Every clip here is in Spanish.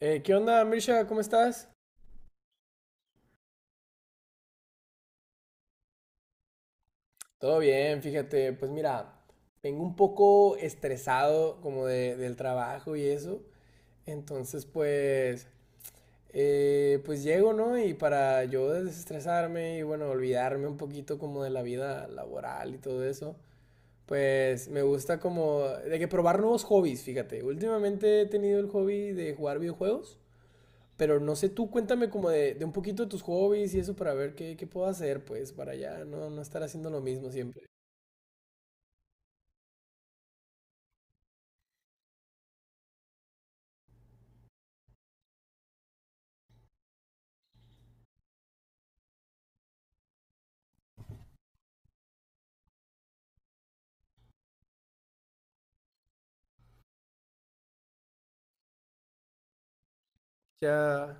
¿Qué onda, Mirsha? ¿Cómo estás? Todo bien, fíjate, pues mira, vengo un poco estresado del trabajo y eso, entonces pues, pues llego, ¿no? Y para yo desestresarme y bueno, olvidarme un poquito como de la vida laboral y todo eso, pues me gusta como de que probar nuevos hobbies, fíjate, últimamente he tenido el hobby de jugar videojuegos. Pero no sé, tú cuéntame como de un poquito de tus hobbies y eso para ver qué puedo hacer, pues, para ya no estar haciendo lo mismo siempre. Ya.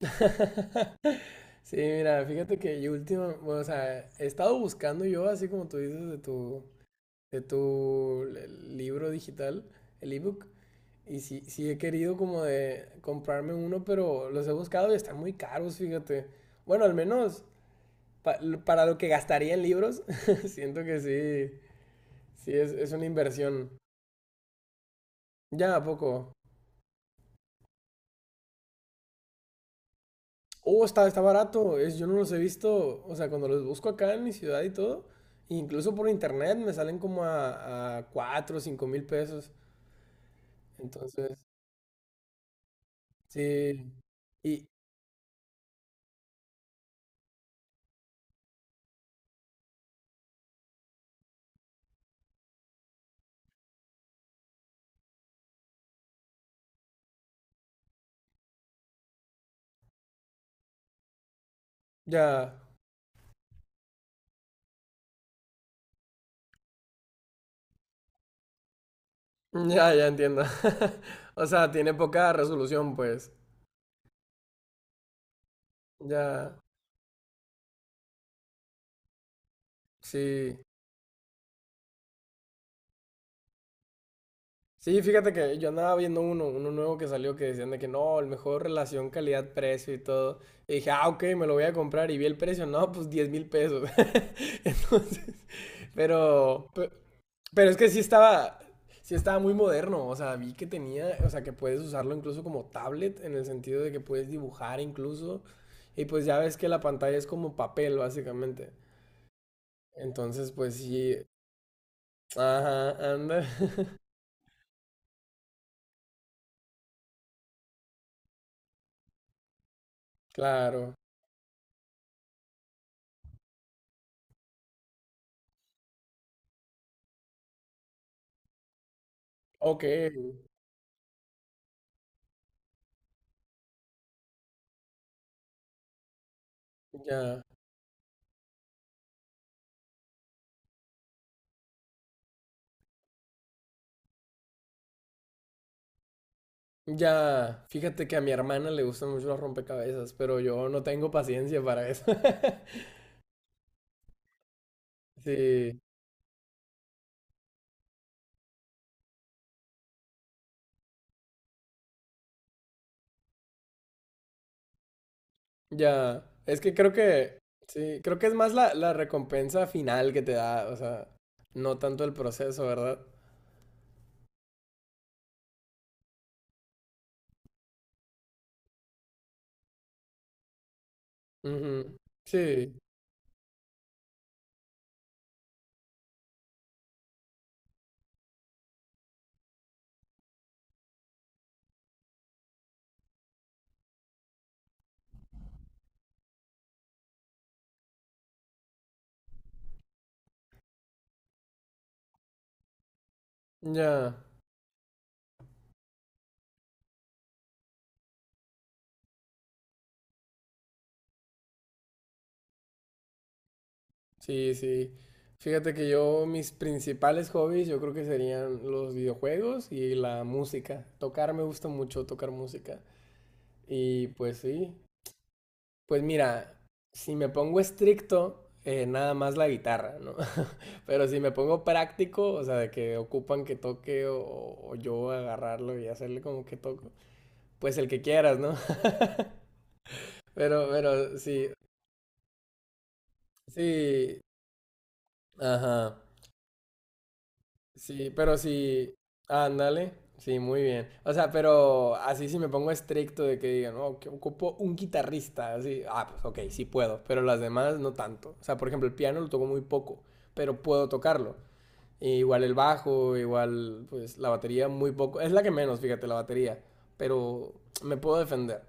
Sí, mira, fíjate que yo última, bueno, o sea, he estado buscando yo, así como tú dices, libro digital, el ebook, y sí he querido como de comprarme uno, pero los he buscado y están muy caros, fíjate. Bueno, al menos pa- para lo que gastaría en libros, siento que sí, sí, es una inversión. Ya, ¿a poco? Oh, está barato. Es, yo no los he visto, o sea, cuando los busco acá en mi ciudad y todo, incluso por internet me salen como a 4 o 5 mil pesos. Entonces, sí. Y ya, ya, ya entiendo. O sea, tiene poca resolución, pues. Ya, sí. Sí, fíjate que yo andaba viendo uno nuevo que salió que decían de que no, el mejor relación calidad-precio y todo. Y dije, ah, ok, me lo voy a comprar. Y vi el precio, no, pues 10 mil pesos. Entonces, pero, pe- pero es que sí estaba muy moderno. O sea, vi que tenía, o sea, que puedes usarlo incluso como tablet, en el sentido de que puedes dibujar incluso. Y pues ya ves que la pantalla es como papel, básicamente. Entonces, pues sí, ajá, anda, claro. Ok, ya. Ya, fíjate que a mi hermana le gustan mucho los rompecabezas, pero yo no tengo paciencia para eso. Sí, ya. Es que sí, creo que es más la recompensa final que te da, o sea, no tanto el proceso, ¿verdad? Ujú. Sí, ya, sí, sí. Fíjate que yo, mis principales hobbies, yo creo que serían los videojuegos y la música. Tocar me gusta mucho, tocar música. Y pues sí. Pues mira, si me pongo estricto, nada más la guitarra, ¿no? Pero si me pongo práctico, o sea, de que ocupan que toque o yo agarrarlo y hacerle como que toco, pues el que quieras, ¿no? Pero sí, sí, ajá, sí, pero sí, ándale, sí, muy bien. O sea, pero así si me pongo estricto de que digan, no, que ocupo un guitarrista, así, ah, pues ok, sí puedo, pero las demás no tanto. O sea, por ejemplo, el piano lo toco muy poco, pero puedo tocarlo. E igual el bajo, igual pues la batería muy poco. Es la que menos, fíjate, la batería. Pero me puedo defender.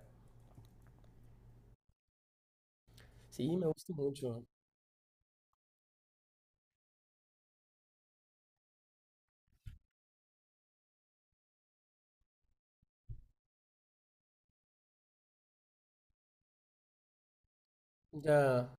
Sí, me gusta mucho. Ya,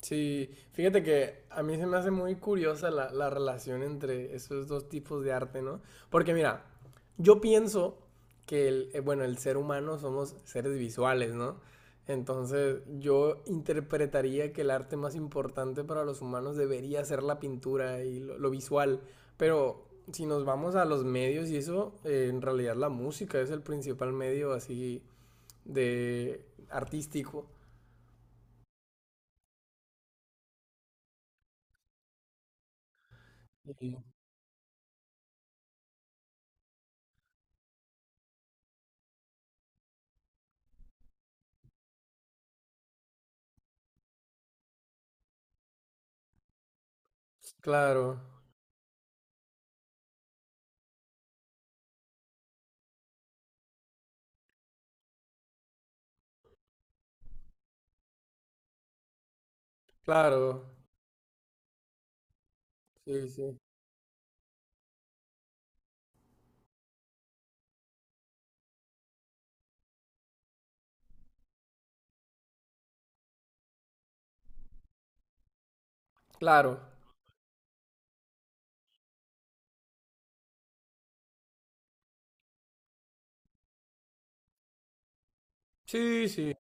sí, fíjate que a mí se me hace muy curiosa la relación entre esos dos tipos de arte, ¿no? Porque mira, yo pienso que bueno, el ser humano somos seres visuales, ¿no? Entonces yo interpretaría que el arte más importante para los humanos debería ser la pintura y lo visual, pero si nos vamos a los medios y eso, en realidad la música es el principal medio así de artístico. Y- Claro, claro. Sí, sí. Claro. Sí, sí.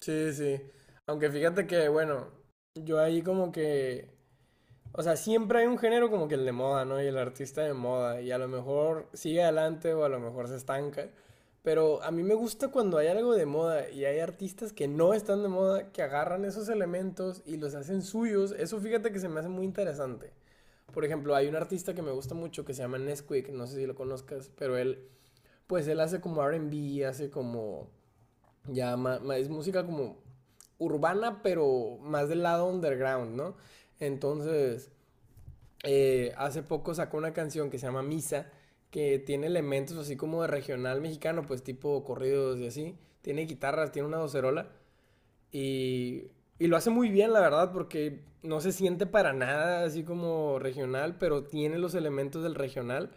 Sí, sí. Aunque fíjate que, bueno, yo ahí como que, o sea, siempre hay un género como que el de moda, ¿no? Y el artista de moda, y a lo mejor sigue adelante o a lo mejor se estanca. Pero a mí me gusta cuando hay algo de moda y hay artistas que no están de moda, que agarran esos elementos y los hacen suyos. Eso fíjate que se me hace muy interesante. Por ejemplo, hay un artista que me gusta mucho que se llama Nesquik, no sé si lo conozcas, pero él, pues él hace como R&B, hace como es música como urbana, pero más del lado underground, ¿no? Entonces, hace poco sacó una canción que se llama Misa, que tiene elementos así como de regional mexicano, pues tipo corridos y así. Tiene guitarras, tiene una docerola y, y lo hace muy bien, la verdad, porque no se siente para nada así como regional, pero tiene los elementos del regional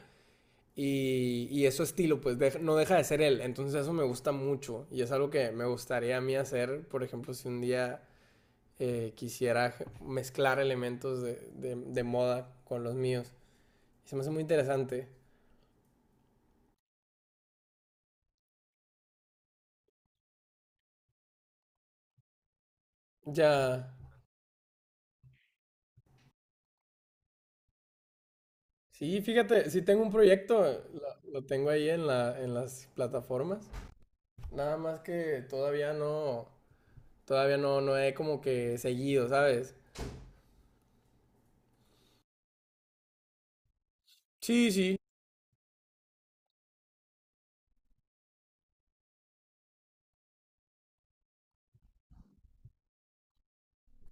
y eso estilo, no deja de ser él. Entonces eso me gusta mucho y es algo que me gustaría a mí hacer. Por ejemplo, si un día quisiera mezclar elementos de moda con los míos. Se me hace muy interesante. Ya, sí, fíjate, si tengo un proyecto, lo tengo ahí en en las plataformas. Nada más que todavía no, no he como que seguido, ¿sabes? Sí, sí,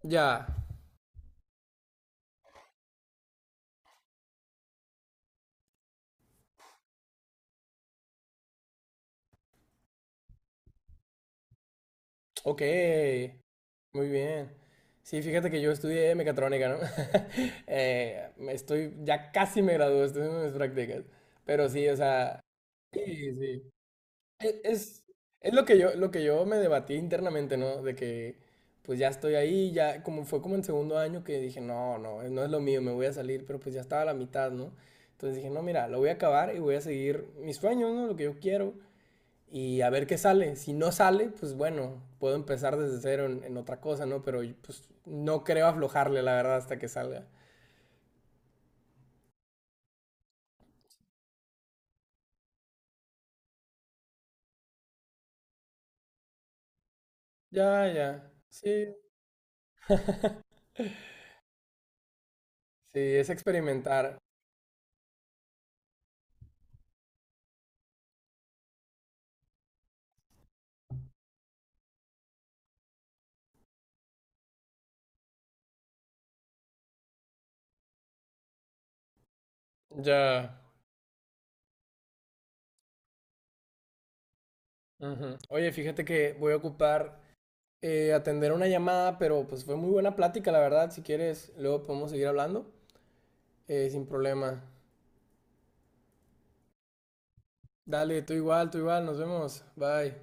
ya. Ok, muy bien. Sí, fíjate que yo estudié mecatrónica, ¿no? Ya casi me gradué, estoy haciendo mis prácticas. Pero sí, o sea, sí, sí. E- Es, es lo que yo me debatí internamente, ¿no? Pues ya estoy ahí, ya, como fue como en segundo año que dije, no es lo mío, me voy a salir, pero pues ya estaba a la mitad, ¿no? Entonces dije, no, mira, lo voy a acabar y voy a seguir mis sueños, ¿no? Lo que yo quiero y a ver qué sale. Si no sale, pues bueno, puedo empezar desde cero en otra cosa, ¿no? Pero pues no creo aflojarle, la verdad, hasta que salga. Ya, ya. Sí. Sí, es experimentar. Ya. Ujú. Oye, fíjate que voy a ocupar atender una llamada, pero pues fue muy buena plática, la verdad. Si quieres, luego podemos seguir hablando, sin problema. Dale, tú igual, nos vemos. Bye.